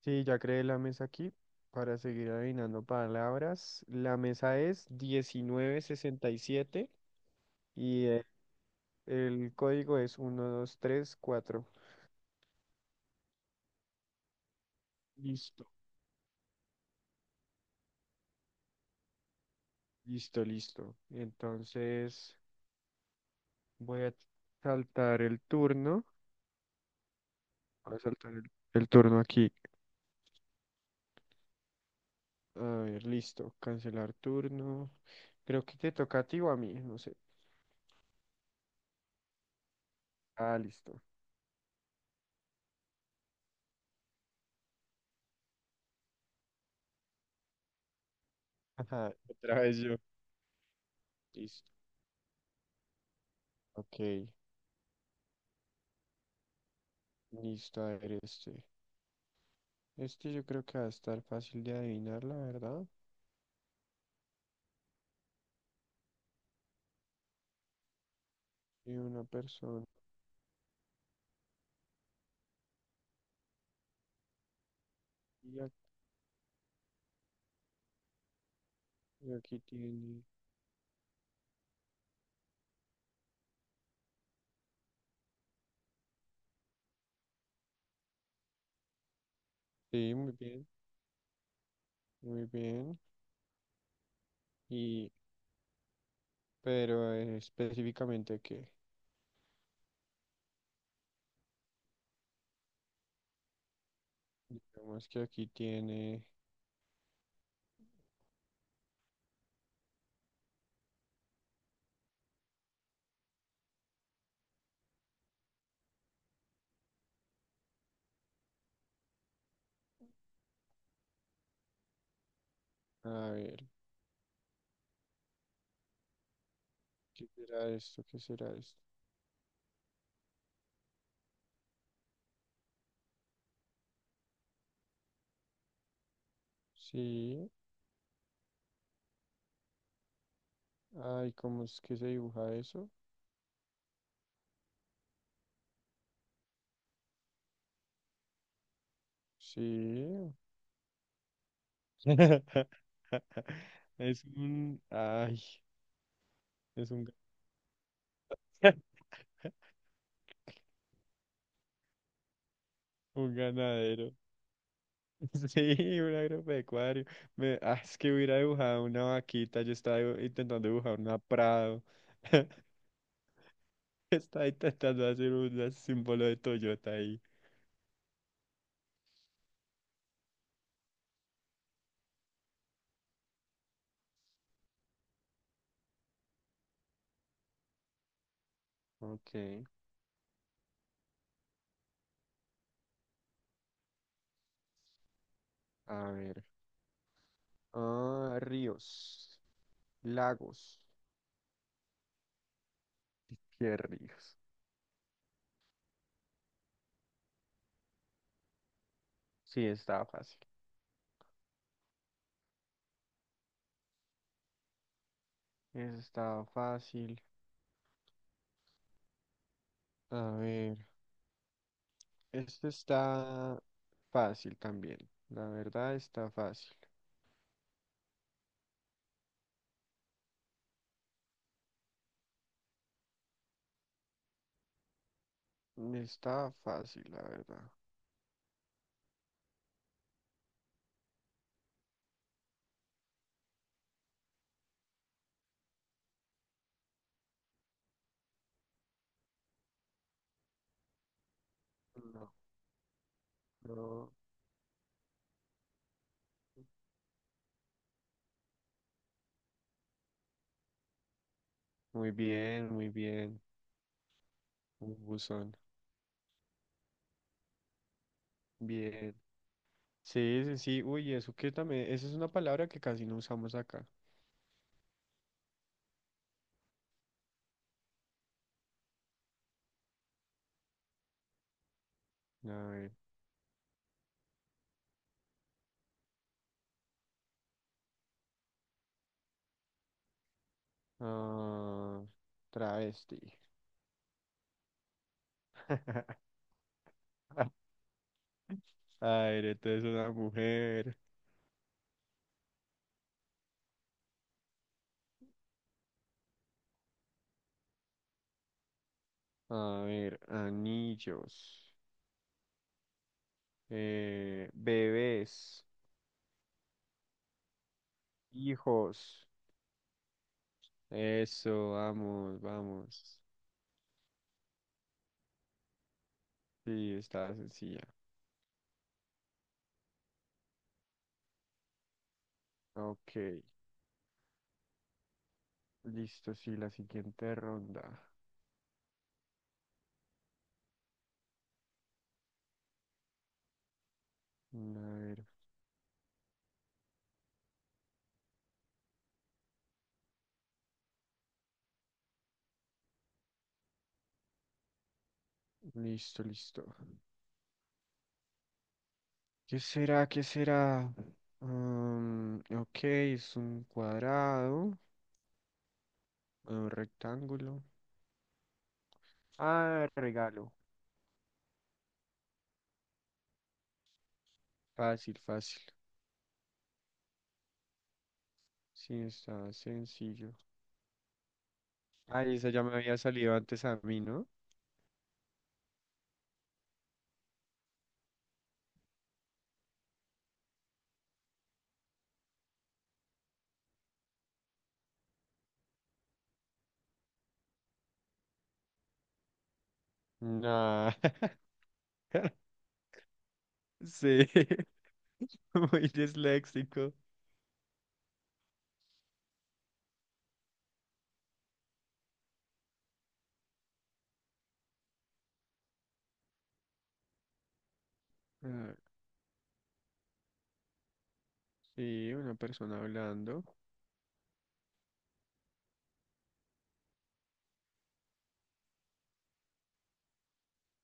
Sí, ya creé la mesa aquí para seguir adivinando palabras. La mesa es 1967 y el código es 1234. Listo, listo, listo. Entonces voy a saltar el turno. Voy a saltar el turno aquí. A ver, listo. Cancelar turno. Creo que te toca a ti o a mí, no sé. Ah, listo. Ajá, otra vez yo. Listo. Ok, listo. A ver este. Este yo creo que va a estar fácil de adivinar, la verdad. Y una persona. Y ac- y aquí tiene. Sí, muy bien, muy bien. Y, pero específicamente que, digamos que aquí tiene. A ver, ¿qué será esto? ¿Qué será esto? Sí. Ay, ¿cómo es que se dibuja eso? Sí. Es un. Ay, es un, ga- un ganadero. Sí, un agropecuario. Me, ah, es que hubiera dibujado una vaquita, yo estaba intentando dibujar una Prado. Estaba intentando hacer un símbolo de Toyota ahí. Ok, a ver. Ah, ríos, lagos. ¿Qué ríos? Sí, estaba fácil. Eso estaba fácil. A ver, este está fácil también. La verdad está fácil. Está fácil, la verdad. No, no. Muy bien, muy bien. Un buzón. Bien. Sí, sí, sí. Uy, eso que también, esa es una palabra que casi no usamos acá. A ver. Ah, travesti. A ver, entonces una mujer. A ver, anillos. Bebés. Hijos. Eso, vamos, vamos. Sí, está sencilla. Ok. Listo, sí, la siguiente ronda. A ver. Listo, listo. ¿Qué será? ¿Qué será? Mm, ok, es un cuadrado, un rectángulo. Ah, regalo. Fácil, fácil. Sí, está sencillo. Ay, esa ya me había salido antes a mí, ¿no? Nah. Sí, muy disléxico. Ah, sí, una persona hablando.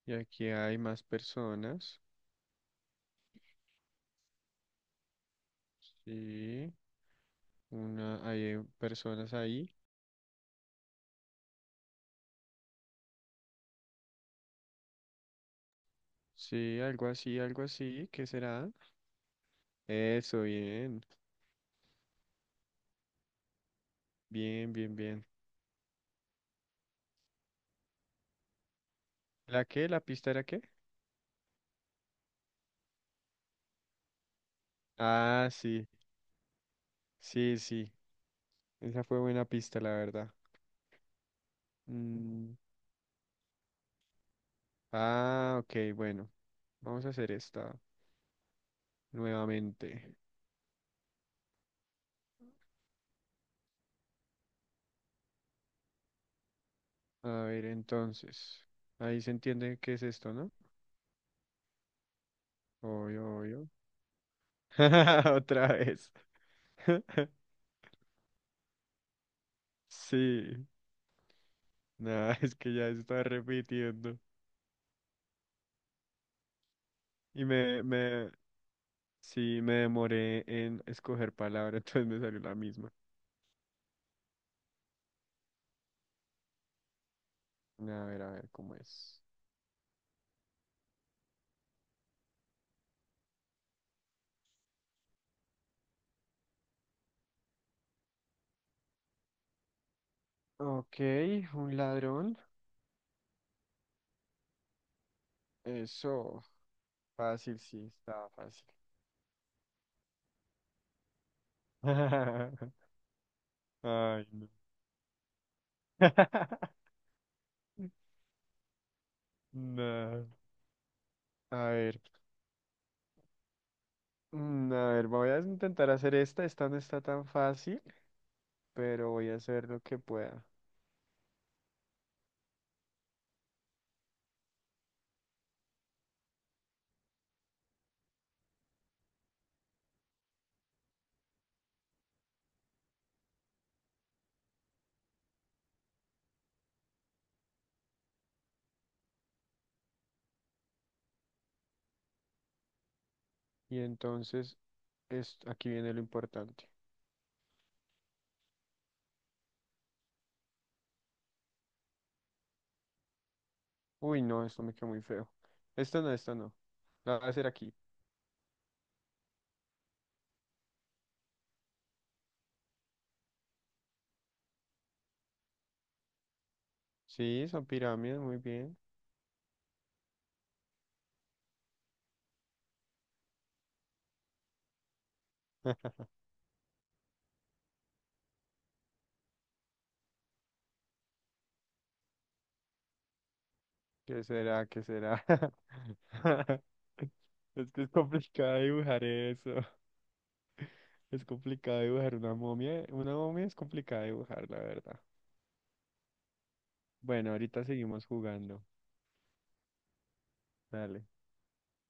Y aquí hay más personas. Sí, una, hay personas ahí. Sí, algo así, algo así. ¿Qué será? Eso, bien. Bien, bien, bien. ¿La qué? ¿La pista era qué? Ah, sí. Sí, sí. Esa fue buena pista, la verdad. Mm, ah, ok, bueno. Vamos a hacer esta nuevamente. A ver, entonces. Ahí se entiende qué es esto, ¿no? Obvio, obvio. Otra vez. Sí. Nada, es que ya está repitiendo. Y sí, me demoré en escoger palabra, entonces me salió la misma. A ver cómo es. Ok, un ladrón. Eso, fácil, sí, estaba fácil. Ay, no. No. A ver, mm, a ver, voy a intentar hacer esta. Esta no está tan fácil, pero voy a hacer lo que pueda. Y entonces, es, aquí viene lo importante. Uy, no, esto me quedó muy feo. Esta no, esta no. La voy a hacer aquí. Sí, son pirámides, muy bien. ¿Qué será? ¿Qué será? Es que es complicado dibujar eso. Es complicado dibujar una momia. Una momia es complicado dibujar, la verdad. Bueno, ahorita seguimos jugando. Dale.